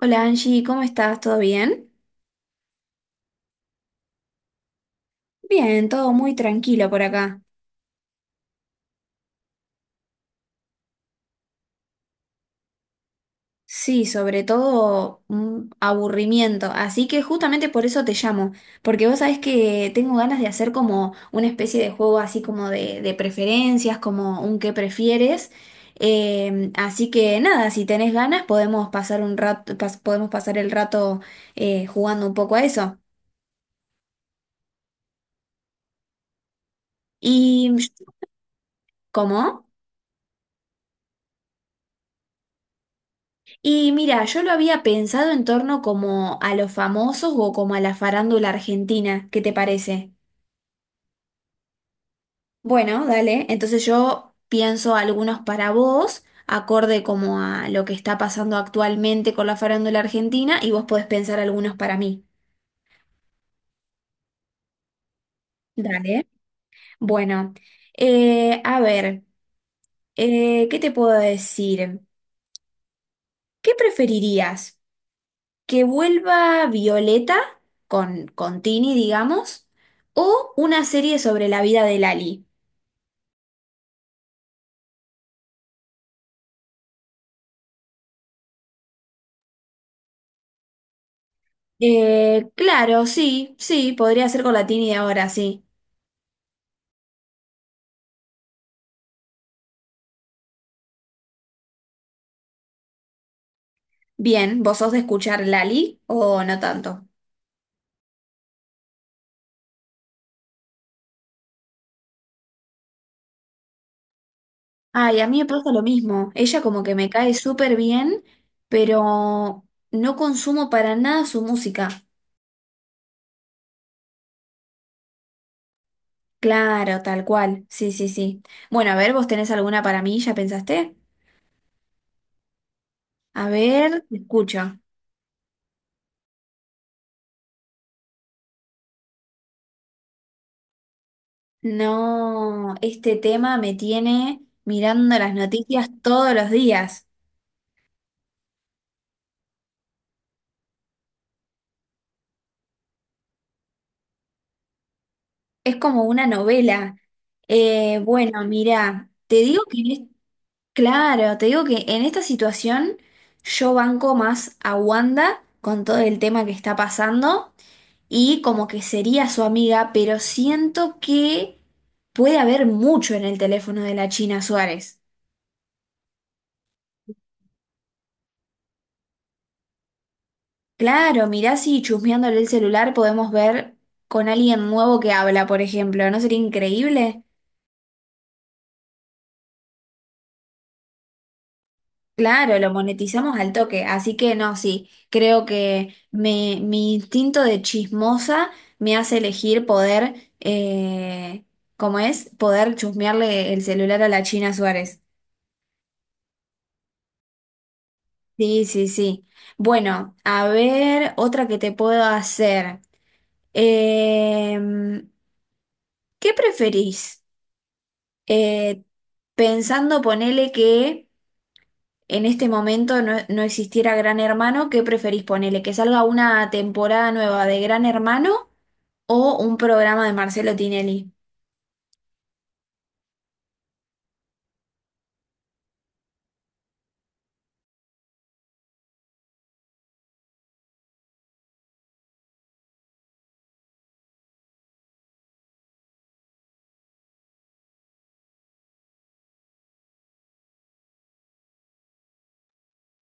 Hola Angie, ¿cómo estás? ¿Todo bien? Bien, todo muy tranquilo por acá. Sí, sobre todo un aburrimiento. Así que justamente por eso te llamo, porque vos sabés que tengo ganas de hacer como una especie de juego así como de preferencias, como un qué prefieres. Así que nada, si tenés ganas podemos pasar un rato, podemos pasar el rato jugando un poco a eso. Y ¿cómo? Y mira, yo lo había pensado en torno como a los famosos o como a la farándula argentina, ¿qué te parece? Bueno, dale, entonces yo pienso algunos para vos, acorde como a lo que está pasando actualmente con la farándula argentina, y vos podés pensar algunos para mí. Dale. Bueno, a ver, ¿qué te puedo decir? ¿Qué preferirías? Que vuelva Violeta con Tini, digamos, o una serie sobre la vida de Lali. Claro, sí, sí, podría ser con la Tini de ahora, sí. Bien, ¿vos sos de escuchar Lali o no tanto? Ay, a mí me pasa lo mismo. Ella como que me cae súper bien, pero no consumo para nada su música. Claro, tal cual. Sí, sí, sí. Bueno, a ver, ¿vos tenés alguna para mí? ¿Ya pensaste? A ver, te escucho. No, este tema me tiene mirando las noticias todos los días. Es como una novela. Bueno, mira, te digo que, claro, te digo que en esta situación yo banco más a Wanda con todo el tema que está pasando y como que sería su amiga, pero siento que puede haber mucho en el teléfono de la China Suárez. Claro, mirá si chusmeándole el celular podemos ver con alguien nuevo que habla, por ejemplo, ¿no sería increíble? Claro, lo monetizamos al toque, así que no, sí, creo que mi instinto de chismosa me hace elegir poder, ¿cómo es? Poder chusmearle el celular a la China Suárez. Sí, sí, sí. Bueno, a ver, otra que te puedo hacer. Em, ¿Qué preferís? Eh, pensando, ponele que en este momento no existiera Gran Hermano, ¿qué preferís ponele? ¿Que salga una temporada nueva de Gran Hermano o un programa de Marcelo Tinelli?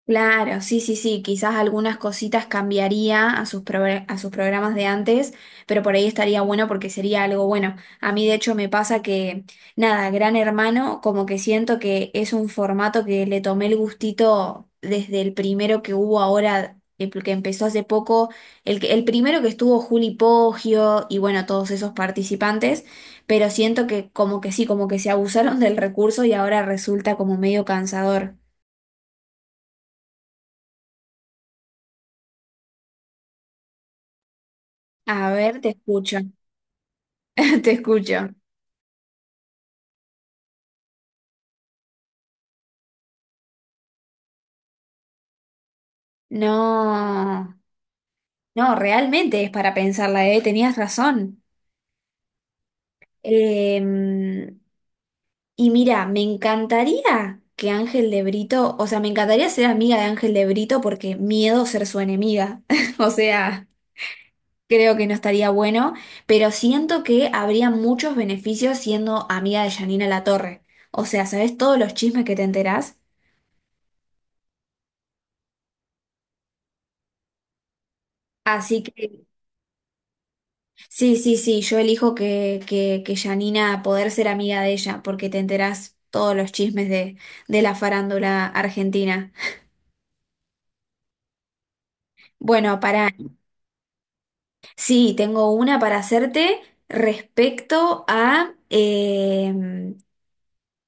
Claro, sí, sí, sí, quizás algunas cositas cambiaría a sus, a sus programas de antes, pero por ahí estaría bueno porque sería algo bueno. A mí de hecho me pasa que, nada, Gran Hermano, como que siento que es un formato que le tomé el gustito desde el primero que hubo ahora, el que empezó hace poco, el primero que estuvo Juli Poggio y bueno, todos esos participantes, pero siento que como que sí, como que se abusaron del recurso y ahora resulta como medio cansador. A ver, te escucho. Te escucho. No, no, realmente es para pensarla, ¿eh? Tenías razón. Em, y mira, me encantaría que Ángel de Brito, o sea, me encantaría ser amiga de Ángel de Brito porque miedo ser su enemiga. O sea, creo que no estaría bueno, pero siento que habría muchos beneficios siendo amiga de Janina Torre. O sea, ¿sabes todos los chismes que te enterás? Así que sí, sí, sí, yo elijo que Janina poder ser amiga de ella, porque te enterás todos los chismes de la farándula argentina. Bueno, para, sí, tengo una para hacerte respecto a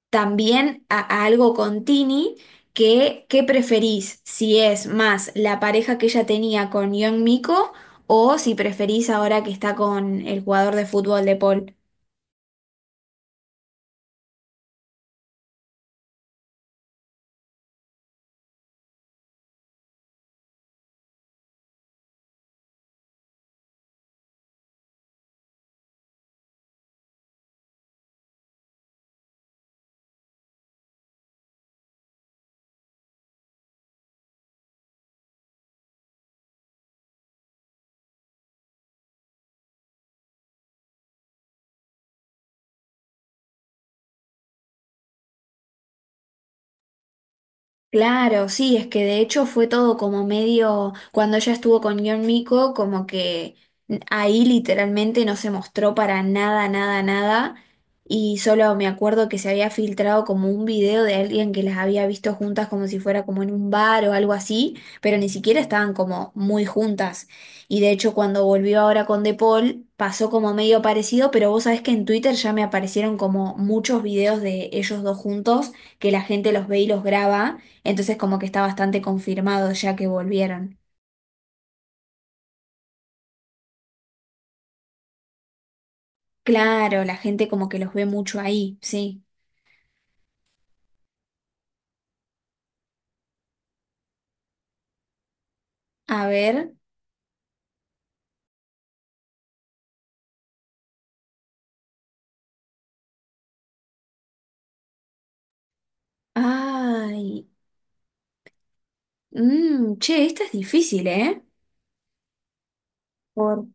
también a algo con Tini, que ¿qué preferís? Si es más la pareja que ella tenía con Young Miko o si preferís ahora que está con el jugador de fútbol de Paul. Claro, sí, es que de hecho fue todo como medio, cuando ella estuvo con John Miko, como que ahí literalmente no se mostró para nada, nada, nada, y solo me acuerdo que se había filtrado como un video de alguien que las había visto juntas como si fuera como en un bar o algo así, pero ni siquiera estaban como muy juntas. Y de hecho cuando volvió ahora con De Paul pasó como medio parecido, pero vos sabés que en Twitter ya me aparecieron como muchos videos de ellos dos juntos, que la gente los ve y los graba. Entonces como que está bastante confirmado ya que volvieron. Claro, la gente como que los ve mucho ahí, sí. A ver. Ay. Mm, che, esta es difícil, ¿eh? Por-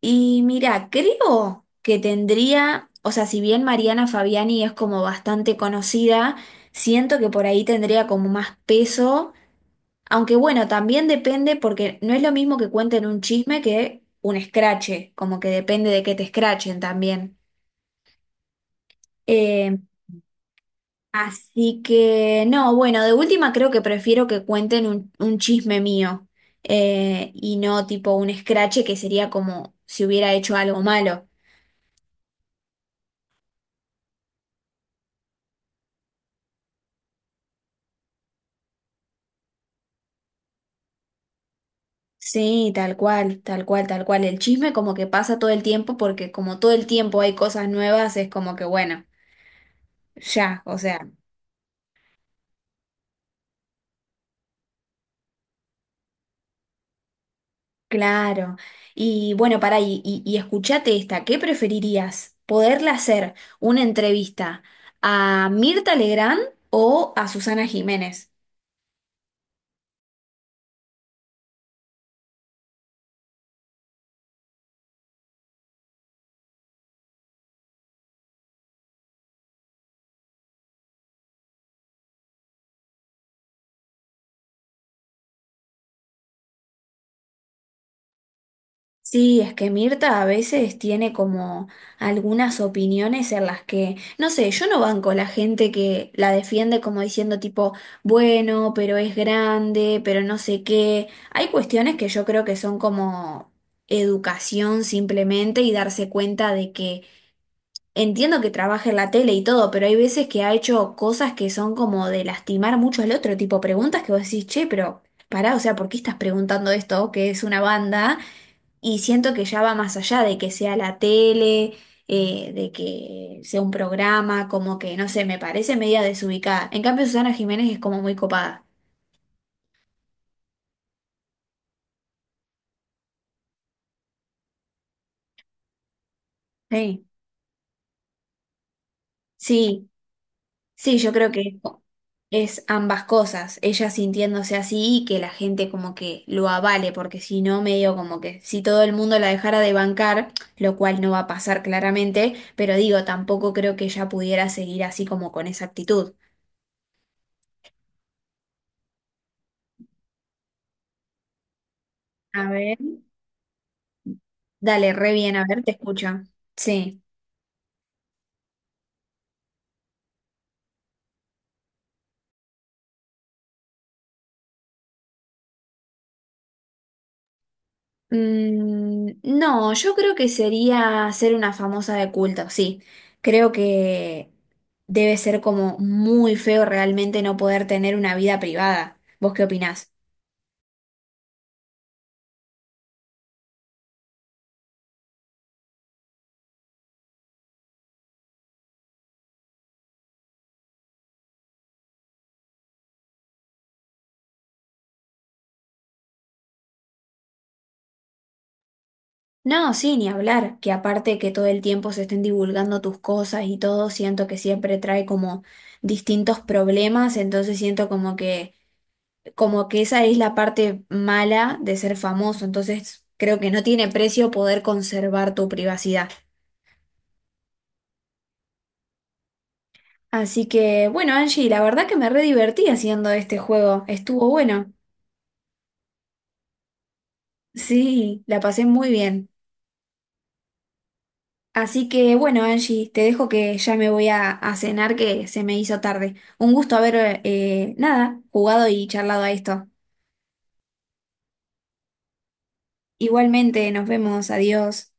Y mira, creo que tendría, o sea, si bien Mariana Fabiani es como bastante conocida, siento que por ahí tendría como más peso, aunque bueno, también depende porque no es lo mismo que cuenten un chisme que un escrache, como que depende de que te escrachen también. Eh, Así que, no, bueno, de última creo que prefiero que cuenten un chisme mío y no tipo un escrache que sería como si hubiera hecho algo malo. Sí, tal cual, tal cual, tal cual. El chisme como que pasa todo el tiempo porque como todo el tiempo hay cosas nuevas, es como que bueno, ya, o sea, claro. Y bueno, pará, y escuchate esta, ¿qué preferirías? ¿Poderle hacer una entrevista a Mirta Legrand o a Susana Jiménez? Sí, es que Mirta a veces tiene como algunas opiniones en las que, no sé, yo no banco la gente que la defiende como diciendo tipo, bueno, pero es grande, pero no sé qué. Hay cuestiones que yo creo que son como educación simplemente y darse cuenta de que entiendo que trabaja en la tele y todo, pero hay veces que ha hecho cosas que son como de lastimar mucho al otro, tipo preguntas que vos decís, che, pero... Pará, o sea, ¿por qué estás preguntando esto? Que es una banda. Y siento que ya va más allá de que sea la tele, de que sea un programa, como que, no sé, me parece media desubicada. En cambio, Susana Jiménez es como muy copada. Sí. Sí, sí, yo creo que es ambas cosas, ella sintiéndose así y que la gente como que lo avale, porque si no, medio como que si todo el mundo la dejara de bancar, lo cual no va a pasar claramente, pero digo, tampoco creo que ella pudiera seguir así como con esa actitud. A ver. Dale, re bien, a ver, te escucho. Sí. Mm, no, yo creo que sería ser una famosa de culto, sí. Creo que debe ser como muy feo realmente no poder tener una vida privada. ¿Vos qué opinás? No, sí, ni hablar, que aparte que todo el tiempo se estén divulgando tus cosas y todo, siento que siempre trae como distintos problemas, entonces siento como que esa es la parte mala de ser famoso, entonces creo que no tiene precio poder conservar tu privacidad. Así que, bueno, Angie, la verdad que me re divertí haciendo este juego, estuvo bueno. Sí, la pasé muy bien. Así que, bueno, Angie, te dejo que ya me voy a cenar que se me hizo tarde. Un gusto haber, nada, jugado y charlado a esto. Igualmente, nos vemos, adiós.